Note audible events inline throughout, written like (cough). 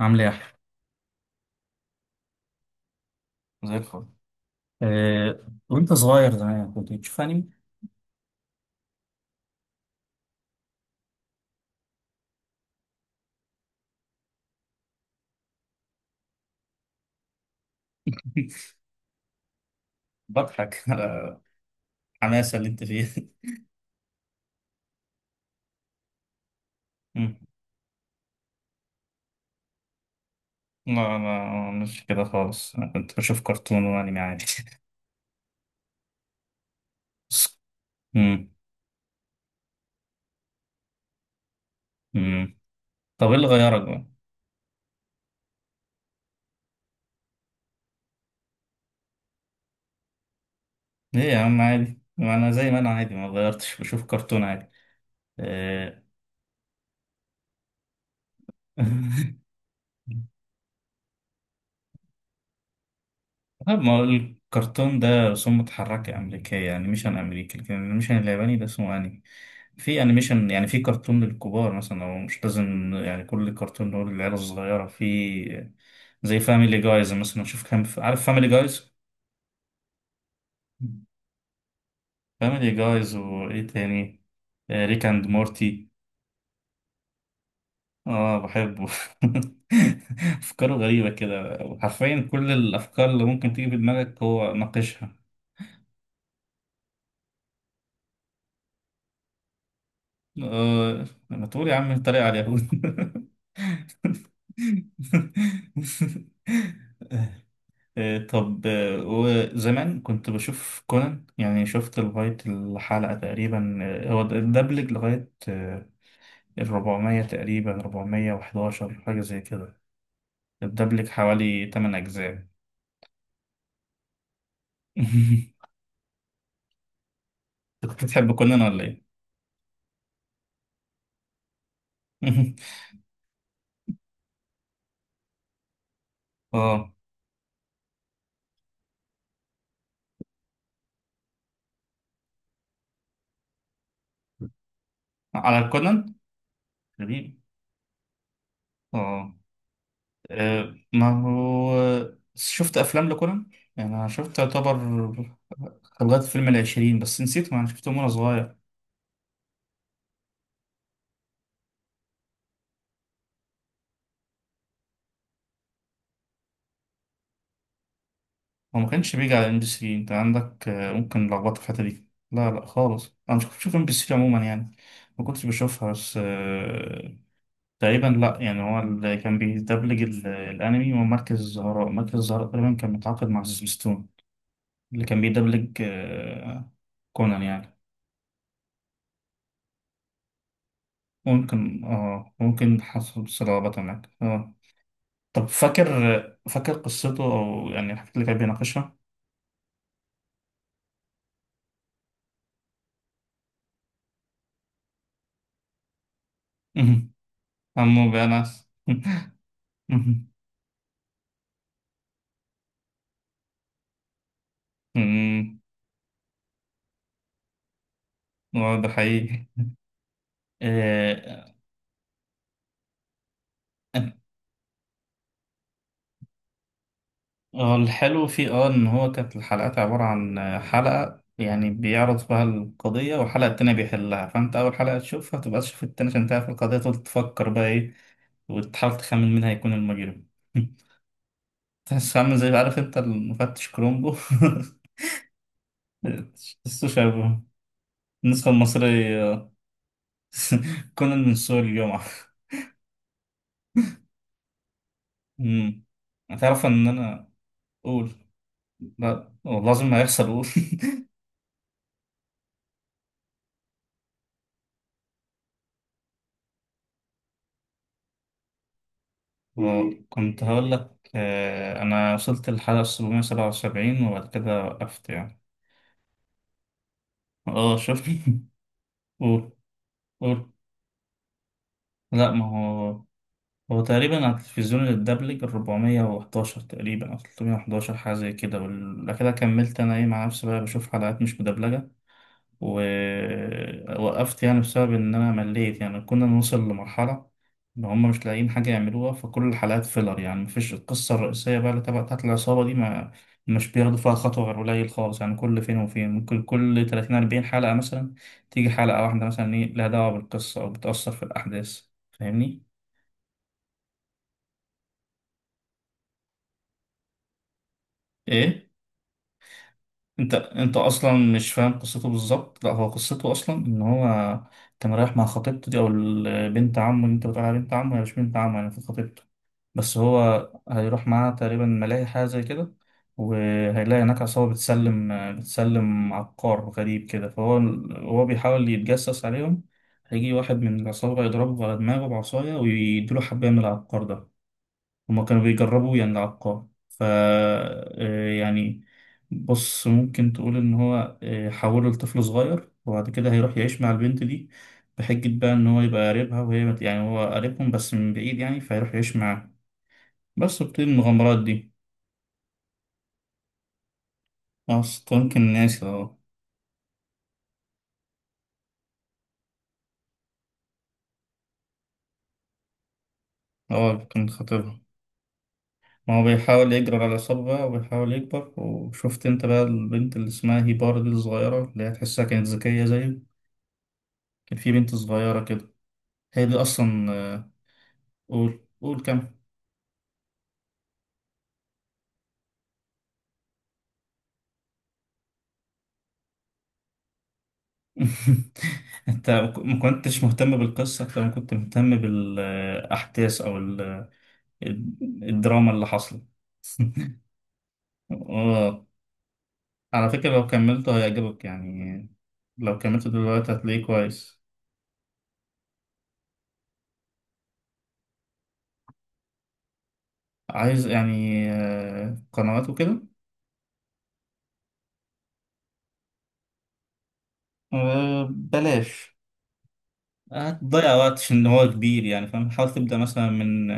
عامل ايه يا احمد؟ زي الفل. وانت صغير زمان كنت بتشوف انمي؟ (laughs) بضحك على الحماسة اللي انت فيها. مم. لا لا، مش كده خالص، انا كنت بشوف كرتون وانمي عادي. (laughs) مم. مم. طب ايه اللي غيرك بقى؟ ليه يا عم عادي؟ ما انا زي ما انا عادي، ما غيرتش، بشوف كرتون عادي. آه. (laughs) لا، ما هو الكرتون ده رسوم متحركة أمريكية، يعني مش عن أمريكي، لكن الأنيميشن الياباني ده اسمه أنمي. في أنيميشن، يعني في كرتون للكبار مثلا، أو مش لازم يعني كل كرتون هو للعيلة الصغيرة. في زي فاميلي جايز مثلا، شوف كان عارف فاميلي جايز؟ فاميلي جايز، وإيه تاني، ريك أند مورتي. آه بحبه. (laughs) أفكاره غريبة كده، حرفيا كل الأفكار اللي ممكن تيجي في دماغك هو ناقشها. آه، انا طول يا عم الطريق على اليهود. (laughs) آه، طب آه، وزمان كنت بشوف كونان، يعني شفت لغاية الحلقة تقريبا، هو الدبلج لغاية الربعمية تقريبا، ربعمية وحداشر حاجة زي كده. الدبلج حوالي تمن أجزاء. (laughs) أنت كنت بتحب كونان ولا إيه؟ (laughs) اه. على كونان؟ غريب. اه. ما هو شفت أفلام لكونان، يعني أنا شفت يعتبر لغاية فيلم العشرين، بس نسيته، ما أنا شفته وأنا صغير. هو ما كانش بيجي على ام بي 3؟ أنت عندك ممكن لخبطة في الحتة دي. لا لا خالص، أنا مش كنت بشوف ام بي 3 عموما يعني، ما كنتش بشوفها بس. تقريبا، لا، يعني هو اللي كان بيدبلج الأنمي هو مركز الزهراء، مركز الزهراء تقريبا كان متعاقد مع سيسمستون اللي كان بيدبلج كونان يعني. ممكن، اه ممكن حصل صلابة معاك اه. طب فاكر، فاكر قصته أو يعني الحاجات اللي كان بيناقشها؟ مهم. عمو بأنس. مهم. مم. هو ده حقيقي. آه. آه، هو الحلو فيه اه إن هو كانت الحلقات عبارة عن حلقة يعني بيعرض فيها القضية، والحلقة التانية بيحلها، فأنت أول حلقة تشوفها تبقى تشوف التانية عشان تعرف القضية، تقعد تفكر بقى إيه وتحاول تخمن مين هيكون المجرم. (laughs) تحس عامل زي، عارف أنت، المفتش كرومبو. (laughs) السوشي. النسخة المصرية. (laughs) كونان من سوق الجمعة. امم. هتعرف (laughs) ان انا. قول. لا والله لازم هيحصل، قول. (laughs) وكنت هقول لك انا وصلت للحلقة 777 وبعد كده وقفت يعني. اه شوف. (laughs) قول. قول. لا، ما هو هو تقريبا على التلفزيون الدبلج 411 تقريبا، او 311 حاجة زي كده، ولا كده كملت انا ايه مع نفسي بقى، بشوف حلقات مش مدبلجة. ووقفت يعني بسبب إن أنا مليت، يعني كنا نوصل لمرحلة إن هما مش لاقيين حاجة يعملوها، فكل الحلقات فيلر، يعني مفيش القصة الرئيسية بقى اللي تبع بتاعت العصابة دي، ما مش بياخدوا فيها خطوة غير قليل خالص، يعني كل فين وفين ممكن، كل 30 40 حلقة مثلا تيجي حلقة واحدة مثلا إيه لها دعوة بالقصة أو بتأثر في الأحداث. فاهمني؟ إيه؟ انت اصلا مش فاهم قصته بالظبط. لا هو قصته اصلا ان هو كان رايح مع خطيبته دي، او بنت عمه، اللي انت بتقول عليها بنت عمه، هي مش بنت عمه يعني، في خطيبته، بس هو هيروح معاها تقريبا ملاهي حاجه زي كده، وهيلاقي هناك عصابه بتسلم عقار غريب كده، فهو هو بيحاول يتجسس عليهم، هيجي واحد من العصابه يضربه على دماغه بعصايه ويديله حبايه من العقار ده. هما كانوا بيجربوا يعني العقاب، ف آه، يعني بص ممكن تقول ان هو حوله لطفل صغير، وبعد كده هيروح يعيش مع البنت دي بحجة بقى ان هو يبقى قريبها، وهي يعني هو قريبهم بس من بعيد يعني، فهيروح يعيش معاها، بس بتبتدي المغامرات دي. اصلا كان ناسي اه. اه كان خاطبها، ما هو بيحاول يجرر على العصابة بقى، وبيحاول يكبر. وشفت انت بقى البنت اللي اسمها هيبار دي الصغيرة، اللي هي تحسها كانت ذكية زيه، كان في بنت صغيرة كده. هي دي أصلا آه. قول، قول كم. (laughs) انت ما كنتش مهتم بالقصة اكتر ما كنت مهتم بالاحداث او الدراما اللي حصلت. (laughs) اه، على فكرة لو كملته هيعجبك يعني، لو كملته دلوقتي هتلاقيه كويس. عايز يعني قنوات وكده؟ بلاش، هتضيع وقت عشان هو كبير يعني، فاهم، حاول تبدأ مثلا من،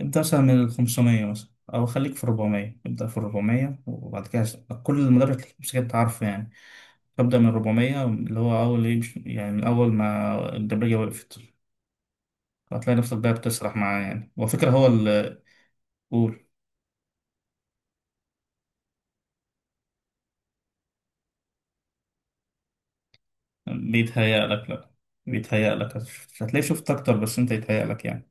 ابدأ مثلا من ال 500 مثلا، أو خليك في 400، ابدأ في 400 وبعد كده كل المدرب تمسك عارفه يعني. ابدأ من 400، اللي هو أول إيه يعني من أول ما الدبلجة وقفت، هتلاقي نفسك بقى بتسرح معاه يعني، وفكرة هو اللي. قول. بيتهيأ لك لأ، بيتهيأ لك، هتلاقي شفت أكتر، بس أنت يتهيأ لك يعني،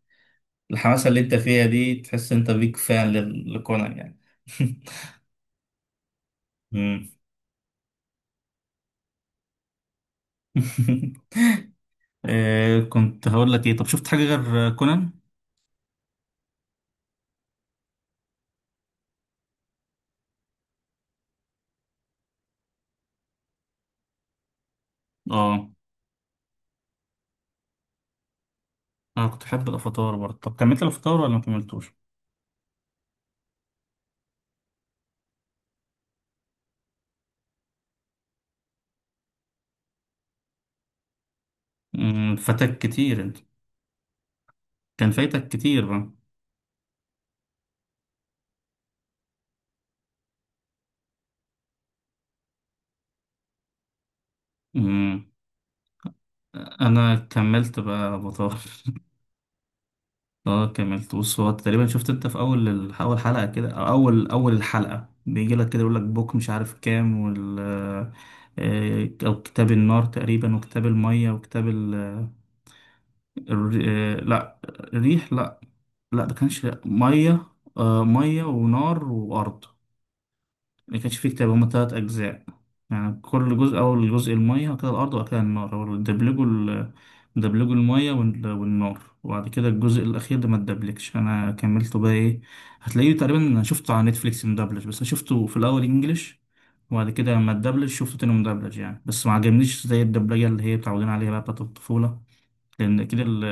الحماسة اللي أنت فيها دي تحس أنت بيك فان لكونان يعني. (laughs) مم. (laughs) كنت هقول لك إيه، طب شفت حاجة غير كونان؟ آه، انا كنت بحب الافاتار برضه، طب كملت الافاتار ولا ما كملتوش؟ أمم، فاتك كتير انت، كان فايتك كتير بقى. أمم. انا كملت بقى الافاتار. (laughs) اه كملت، بص، هو تقريبا شفت انت في اول اول حلقه كده، او اول اول الحلقه، بيجي لك كده يقول لك بوك مش عارف كام، وال آه، او كتاب النار تقريبا، وكتاب الميه، وكتاب الر- آه، لا الريح، لا، لا ده كانش ميه. ميه ونار وارض، اللي كانش فيه كتاب، هما تلات أجزاء، يعني كل جزء، أول جزء المية، وبعد كده الأرض، وبعد كده النار، هو دبلجوا دبلجوا المية والنار، وبعد كده الجزء الأخير ده ما اتدبلجش. أنا كملته بقى إيه، هتلاقيه تقريبا، أنا شفته على نتفليكس مدبلج، بس أنا شفته في الأول إنجليش، وبعد كده لما اتدبلج شفته تاني مدبلج يعني، بس ما عجبنيش زي الدبلجة اللي هي متعودين عليها بقى بتاعت الطفولة، لأن كده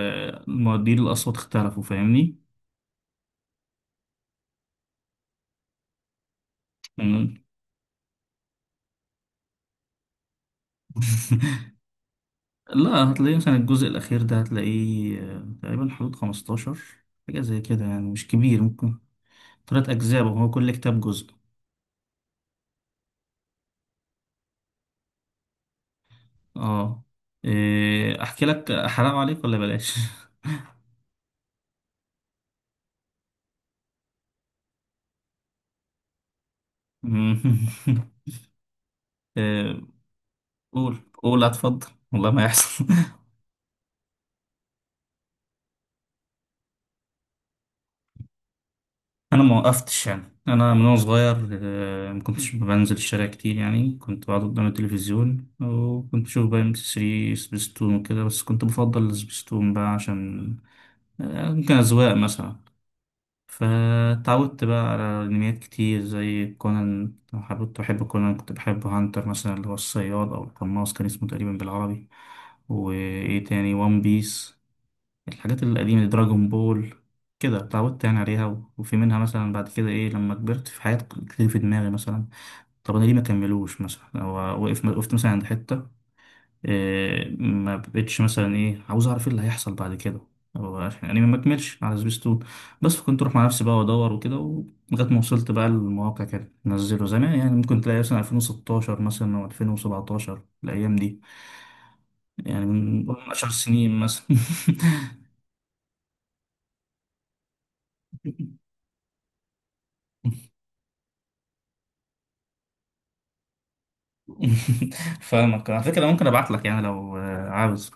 المؤدين الأصوات اختلفوا. فاهمني؟ (laughs) لا، هتلاقيه مثلا الجزء الأخير ده هتلاقيه تقريبا حدود 15 حاجة زي كده يعني، مش كبير، ممكن تلات أجزاء، وهو كل كتاب جزء. اه. إيه، أحكي لك حرام عليك ولا بلاش؟ (laughs) إيه، قول، قول اتفضل، والله ما يحصل. (laughs) أنا ما وقفتش يعني، أنا من وأنا صغير ما كنتش بنزل الشارع كتير يعني، كنت بقعد قدام التلفزيون، وكنت بشوف بقى ام بي 3 سبيستون وكده، بس كنت بفضل السبيستون بقى عشان ممكن أذواق مثلا، فتعودت بقى على انميات كتير زي كونان. لو حبيت بحب كونان، كنت بحب هانتر مثلا، اللي هو الصياد او القناص كان اسمه تقريبا بالعربي، وايه تاني، وان بيس، الحاجات القديمة دي، دراجون بول. كده اتعودت يعني عليها، وفي منها مثلا بعد كده ايه لما كبرت، في حاجات كتير في دماغي مثلا، طب انا ليه ما كملوش مثلا، هو وقف وقفت مثلا عند حتة، ما بقتش مثلا ايه عاوز اعرف ايه اللي هيحصل بعد كده. هو عشان يعني ما مكملش على سبيستون، بس كنت اروح مع نفسي بقى وادور وكده لغايه ما وصلت بقى للمواقع، كده نزله زمان يعني ممكن تلاقي مثلا 2016 مثلا، او 2017 الايام دي، يعني من قول من 10 سنين مثلا. (laughs) فاهمك. على فكره ممكن ابعت لك يعني، لو عاوز.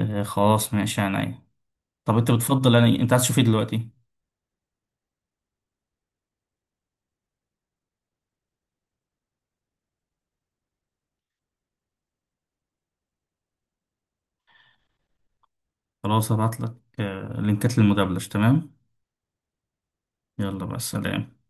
خلاص ماشي يعني، عينيا. طب انت بتفضل يعني، انت عايز تشوف ايه دلوقتي؟ خلاص هبعت لك لينكات للمدبلج. تمام. يلا بقى، السلام.